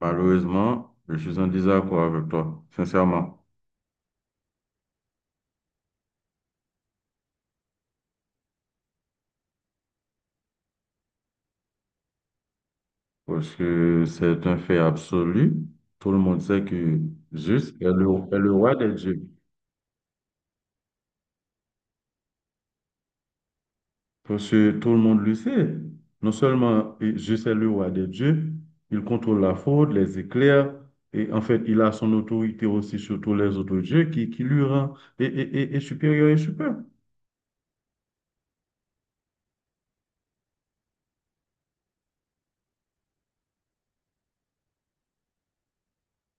Malheureusement, je suis en désaccord avec toi, sincèrement, parce que c'est un fait absolu. Tout le monde sait que Zeus est le, est le roi des dieux. Parce que tout le monde le sait. Non seulement Zeus est le roi des dieux, il contrôle la foudre, les éclairs, et en fait, il a son autorité aussi sur tous les autres dieux qui lui rend et, et, et supérieur.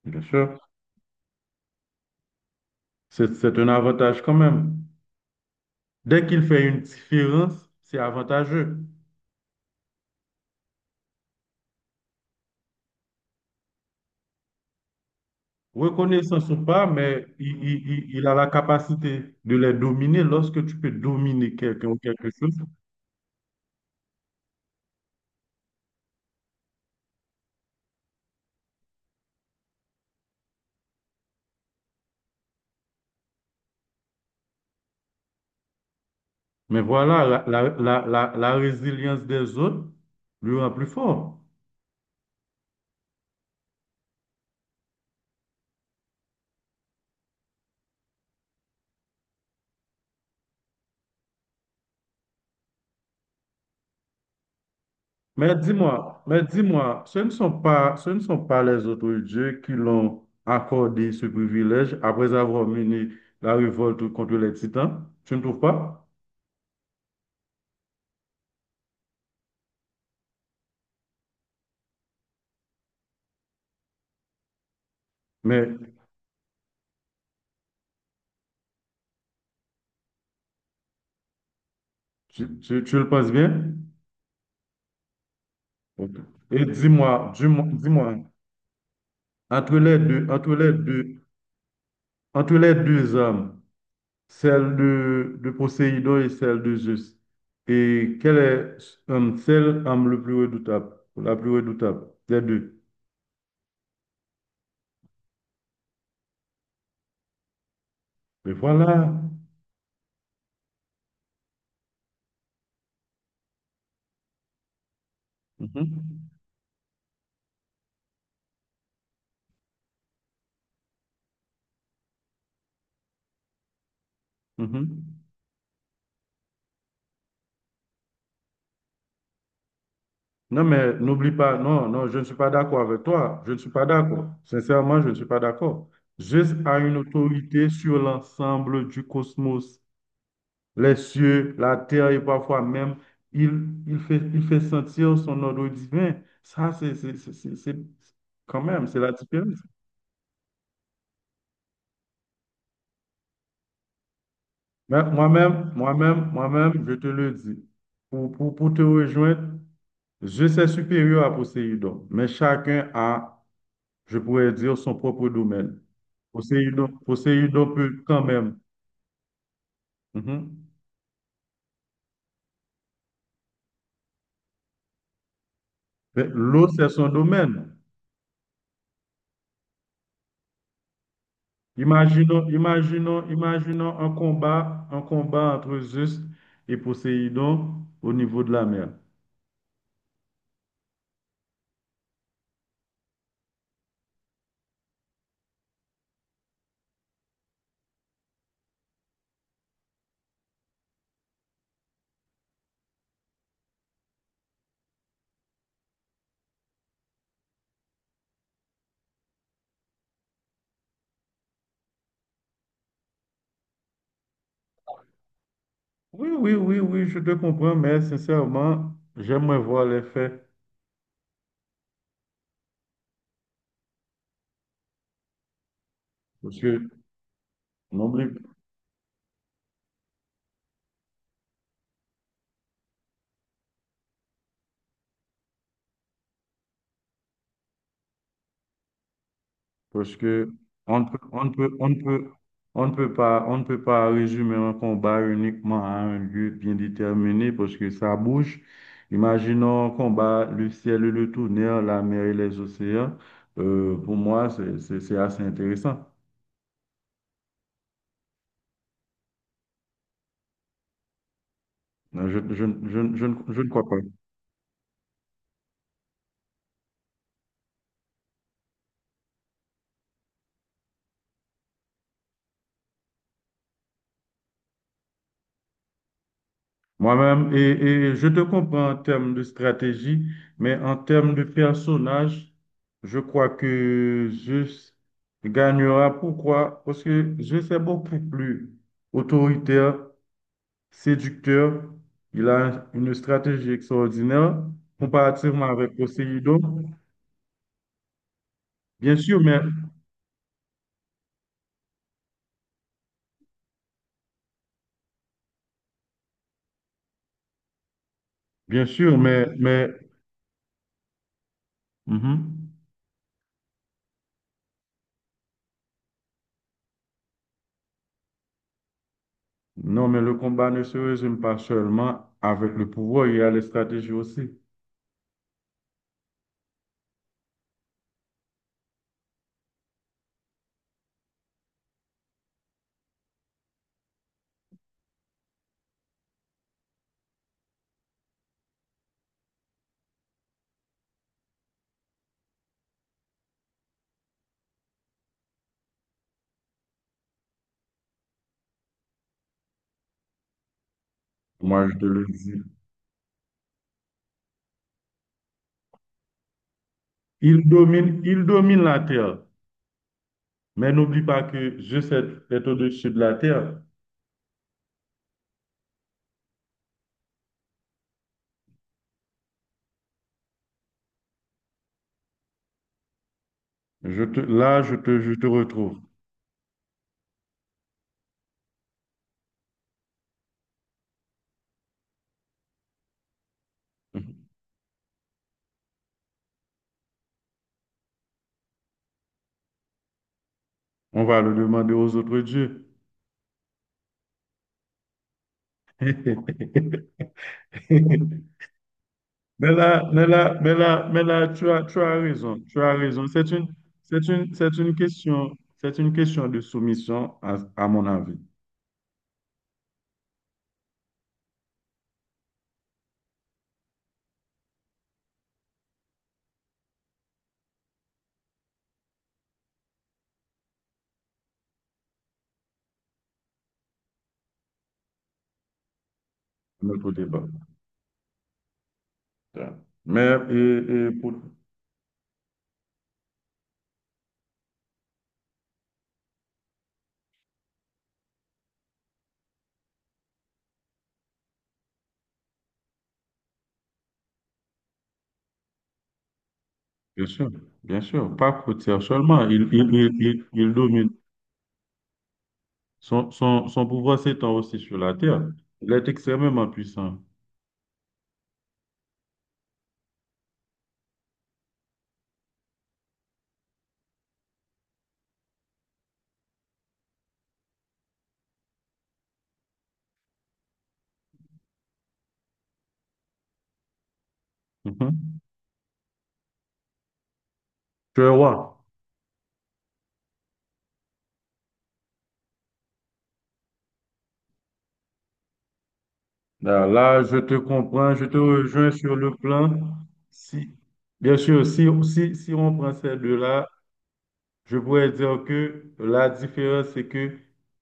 Bien sûr, c'est un avantage quand même. Dès qu'il fait une différence, c'est avantageux. Reconnaissance ou pas, mais il a la capacité de les dominer lorsque tu peux dominer quelqu'un ou quelque chose. Mais voilà, la résilience des autres lui rend plus fort. Mais dis-moi, ce ne sont pas les autres dieux qui l'ont accordé ce privilège après avoir mené la révolte contre les titans. Tu ne trouves pas? Mais tu le penses bien? Ok. Et dis-moi, entre les deux, entre les deux entre les deux âmes, celle de Poséidon et celle de Zeus. Et quelle est celle âme le plus redoutable, la plus redoutable des deux? Mais voilà. Mhm, mhm. Non, mais n'oublie pas, non, non, je ne suis pas d'accord avec toi. Je ne suis pas d'accord. Sincèrement, je ne suis pas d'accord. Zeus a une autorité sur l'ensemble du cosmos, les cieux, la terre et parfois même, il, il fait sentir son ordre divin. Ça, c'est, quand même, c'est la différence. Mais moi-même, je te le dis, pour te rejoindre, je suis supérieur à Poséidon, mais chacun a, je pourrais dire, son propre domaine. Poséidon peut quand même. Mhm. Mais l'eau, c'est son domaine. Imaginons, imaginons, imaginons un combat entre Zeus et Poséidon au niveau de la mer. Oui, je te comprends, mais sincèrement, j'aimerais voir les faits. Parce que, n'oublie, parce que on ne peut, on ne peut, on ne peut, on ne peut pas, on ne peut pas résumer un combat uniquement à un lieu bien déterminé parce que ça bouge. Imaginons un combat, le ciel et le tonnerre, la mer et les océans. Pour moi, c'est assez intéressant. Non, je ne crois pas. Moi-même, je te comprends en termes de stratégie, mais en termes de personnage, je crois que Zeus gagnera. Pourquoi? Parce que Zeus est beaucoup plus autoritaire, séducteur. Il a une stratégie extraordinaire comparativement avec Poséidon. Bien sûr, mais, bien sûr, mais, mhm. Non, mais le combat ne se résume pas seulement avec le pouvoir, il y a les stratégies aussi. Moi, je te le dis. Il domine la terre, mais n'oublie pas que je sais être au-dessus de la terre. Je te, là, je te retrouve. On va le demander aux autres dieux. Mais là, tu as raison. C'est une question, de soumission à mon avis, notre débat. Mais bien sûr, pas côtière seulement, il domine. Son pouvoir s'étend aussi sur la terre. Il est extrêmement puissant. Mhm. Tu es roi. Là, je te comprends, je te rejoins sur le plan. Si, bien sûr, si on prend ces deux-là, je pourrais dire que la différence, c'est que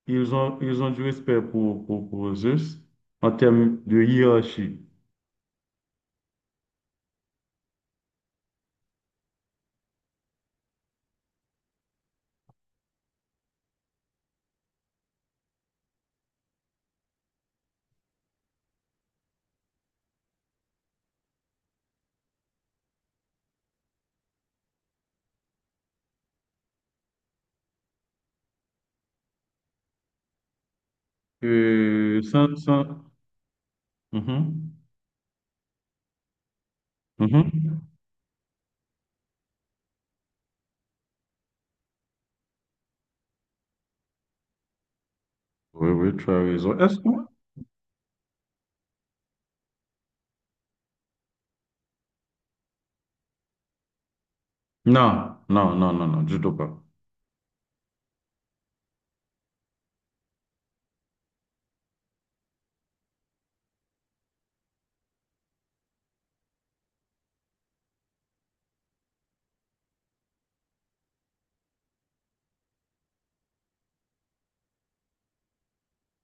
ils ont du respect pour Zeus en termes de hiérarchie. Euh, sans, sans- Mhm, mhm. Oui, oui, tu as raison. Est-ce que... Non, du tout pas.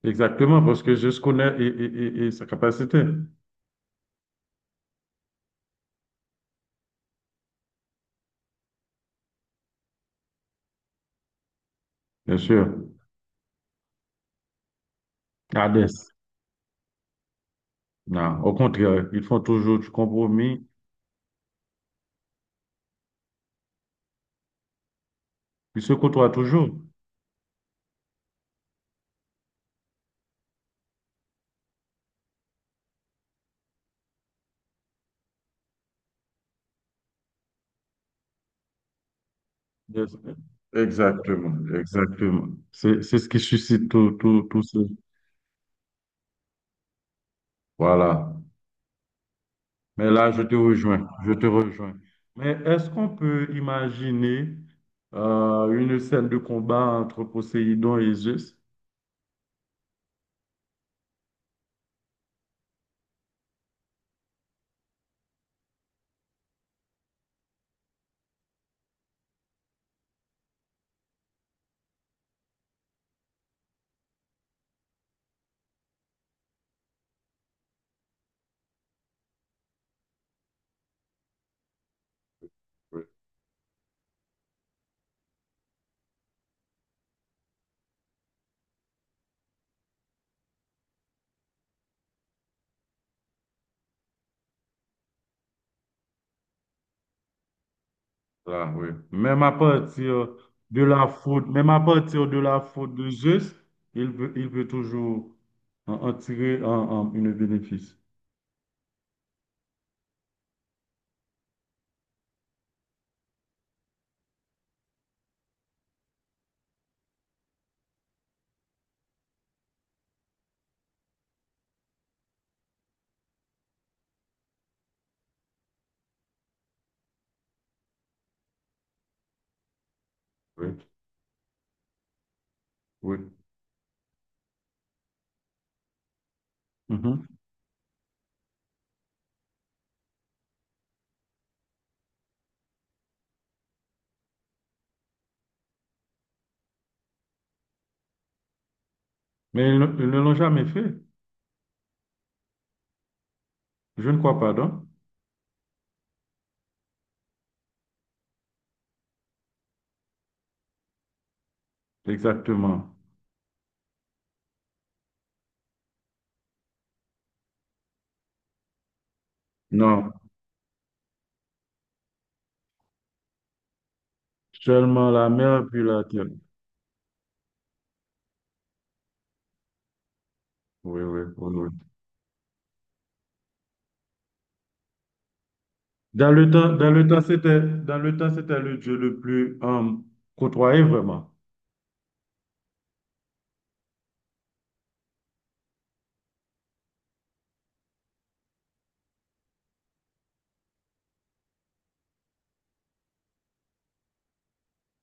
Exactement, parce que je connais sa capacité, bien sûr. Hades, non, au contraire, ils font toujours du compromis, ils se côtoient toujours. Yes. Exactement, exactement. C'est ce qui suscite tout ce... Voilà. Mais là, je te rejoins. Mais est-ce qu'on peut imaginer une scène de combat entre Poséidon et Zeus? Oui, ça, oui. Même à partir de la faute, même à partir de la faute de juste, il peut toujours en, en tirer une bénéfice. Oui, oui. Mhm. Mais ils ne l'ont jamais fait. Je ne crois pas, non? Exactement. Non. Seulement la mer puis la terre. Oui. Dans le temps, c'était le Dieu le plus côtoyé, vraiment.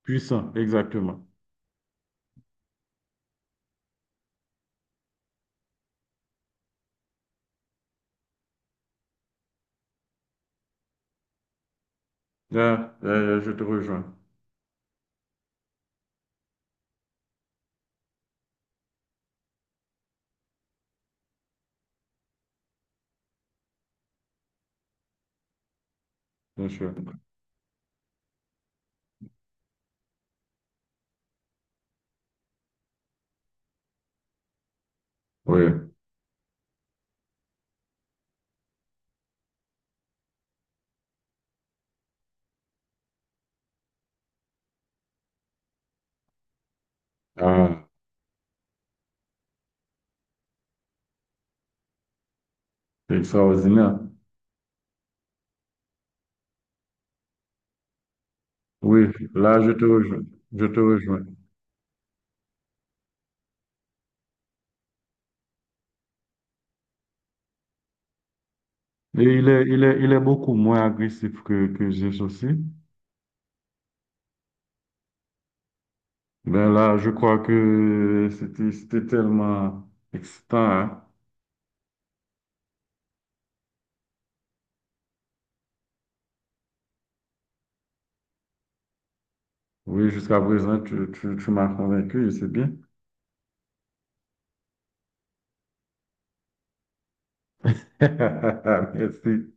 Puissant, exactement. Là, je te rejoins, bien sûr. Oui. Ah, c'est extraordinaire. Oui, là, je te rejoins. Je te rejoins. Et il est beaucoup moins agressif que Zeus aussi. Ben là, je crois que c'était tellement excitant, hein. Oui, jusqu'à présent, tu m'as convaincu et c'est bien. Merci.